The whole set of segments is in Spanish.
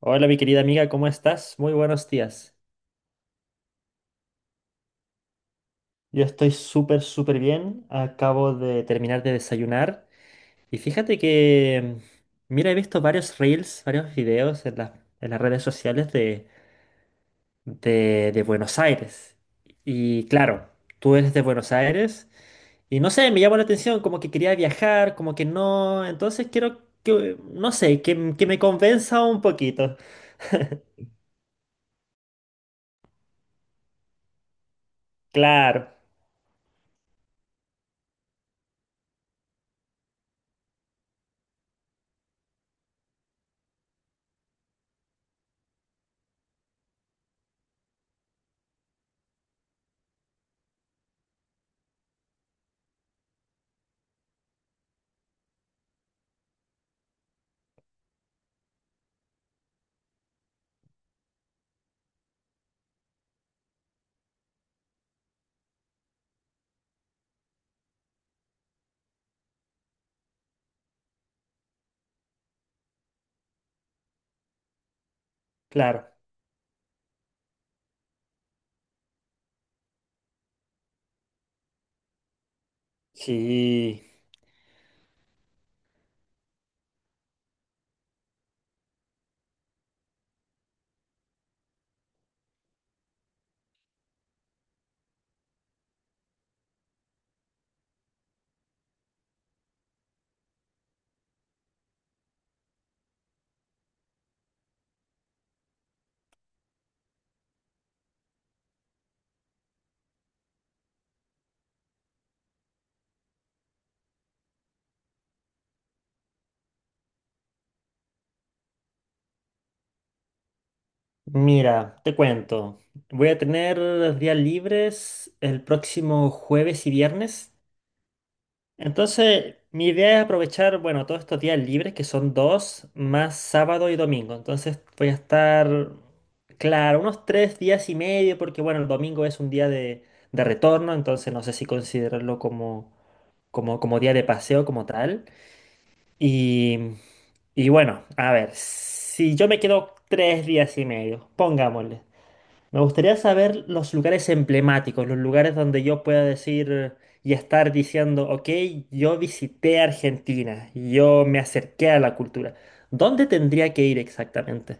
Hola, mi querida amiga, ¿cómo estás? Muy buenos días. Yo estoy súper, súper bien. Acabo de terminar de desayunar. Y fíjate que, mira, he visto varios reels, varios videos en las redes sociales de Buenos Aires. Y claro, tú eres de Buenos Aires. Y no sé, me llamó la atención, como que quería viajar, como que no. Entonces quiero que, no sé, que me convenza un poquito. Claro, claro. Sí. Mira, te cuento. Voy a tener los días libres el próximo jueves y viernes. Entonces, mi idea es aprovechar, bueno, todos estos días libres, que son dos, más sábado y domingo. Entonces, voy a estar, claro, unos tres días y medio, porque, bueno, el domingo es un día de retorno, entonces no sé si considerarlo como día de paseo, como tal. Y, y bueno, a ver, si yo me quedo tres días y medio, pongámosle. Me gustaría saber los lugares emblemáticos, los lugares donde yo pueda decir y estar diciendo, ok, yo visité Argentina, yo me acerqué a la cultura. ¿Dónde tendría que ir exactamente?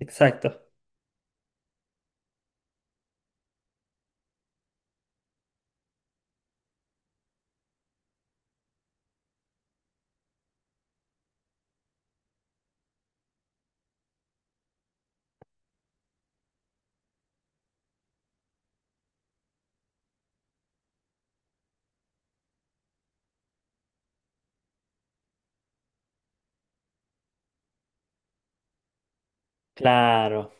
Exacto. Claro,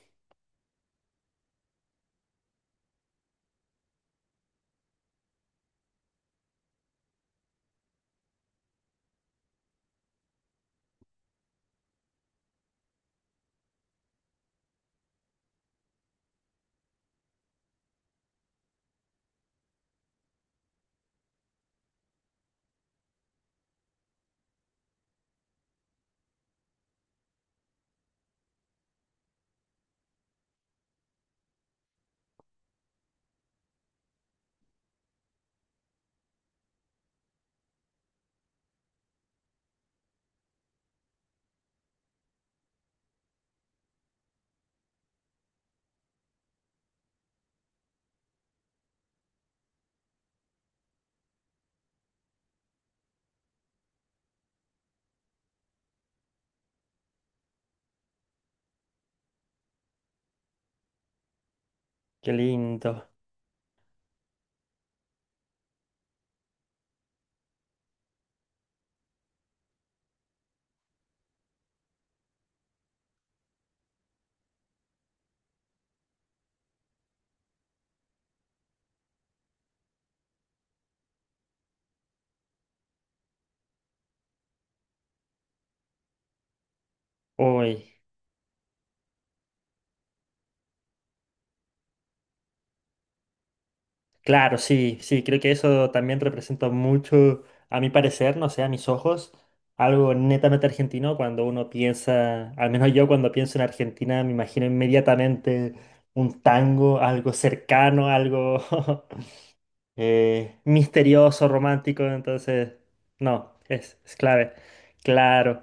qué lindo. Uy. Claro, sí, sí, creo que eso también representa mucho, a mi parecer, no sé, a mis ojos, algo netamente argentino cuando uno piensa, al menos yo cuando pienso en Argentina me imagino inmediatamente un tango, algo cercano, algo misterioso, romántico, entonces, no, es clave, claro,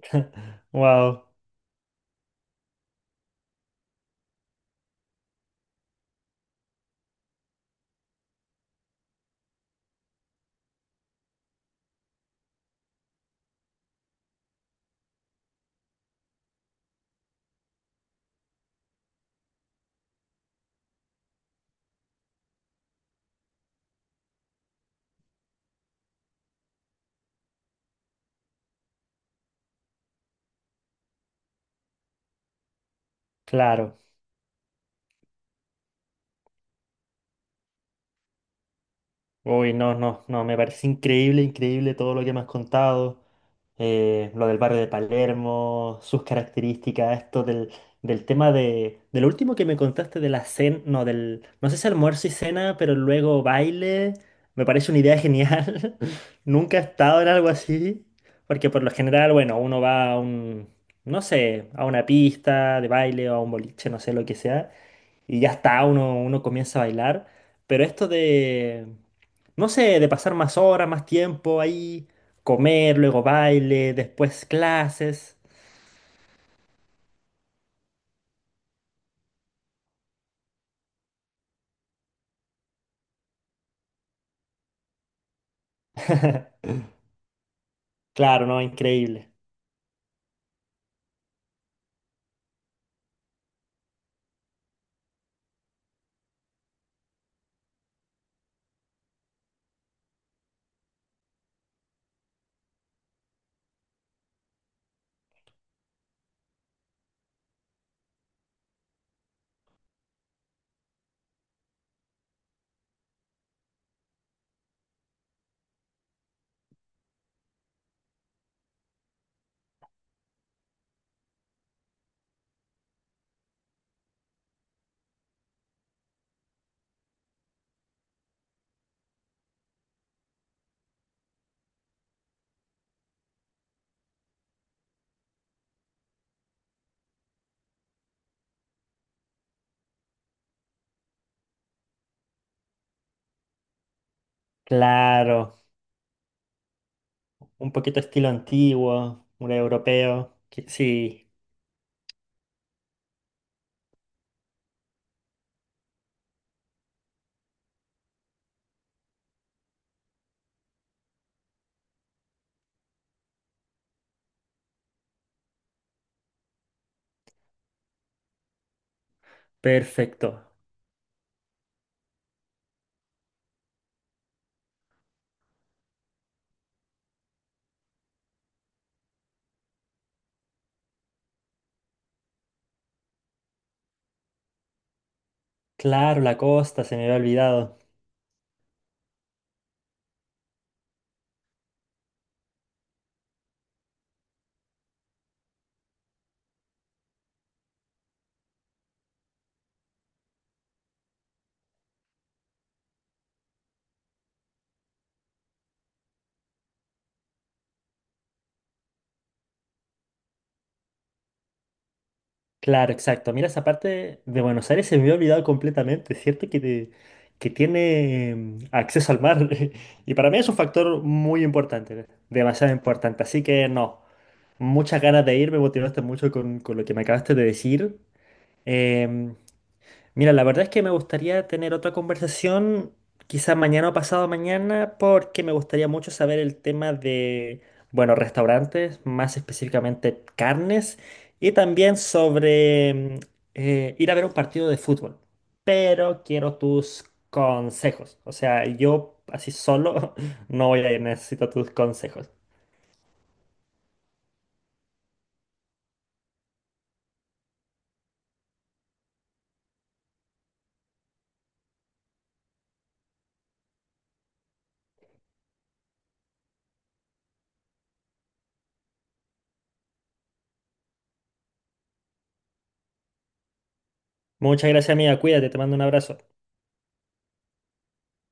wow, claro. Uy, no, no, no, me parece increíble, increíble todo lo que me has contado. Lo del barrio de Palermo, sus características, esto del tema del último que me contaste de la cena, no, del, no sé si almuerzo y cena, pero luego baile, me parece una idea genial. Nunca he estado en algo así, porque por lo general, bueno, uno va a no sé, a una pista de baile o a un boliche, no sé, lo que sea y ya está, uno comienza a bailar. Pero esto de, no sé, de pasar más horas, más tiempo ahí, comer, luego baile, después clases. Claro, ¿no? Increíble. Claro, un poquito estilo antiguo, un europeo. Que- sí, perfecto. Claro, la costa, se me había olvidado. Claro, exacto. Mira, esa parte de Buenos Aires se me había olvidado completamente. Es cierto que, te- que tiene acceso al mar. Y para mí es un factor muy importante, demasiado importante. Así que no, muchas ganas de ir, me motivaste mucho con lo que me acabaste de decir. Em, Mira, la verdad es que me gustaría tener otra conversación, quizá mañana o pasado mañana, porque me gustaría mucho saber el tema de, bueno, restaurantes, más específicamente carnes, y también sobre ir a ver un partido de fútbol. Pero quiero tus consejos. O sea, yo así solo no voy a ir, necesito tus consejos. Muchas gracias, amiga. Cuídate, te mando un abrazo.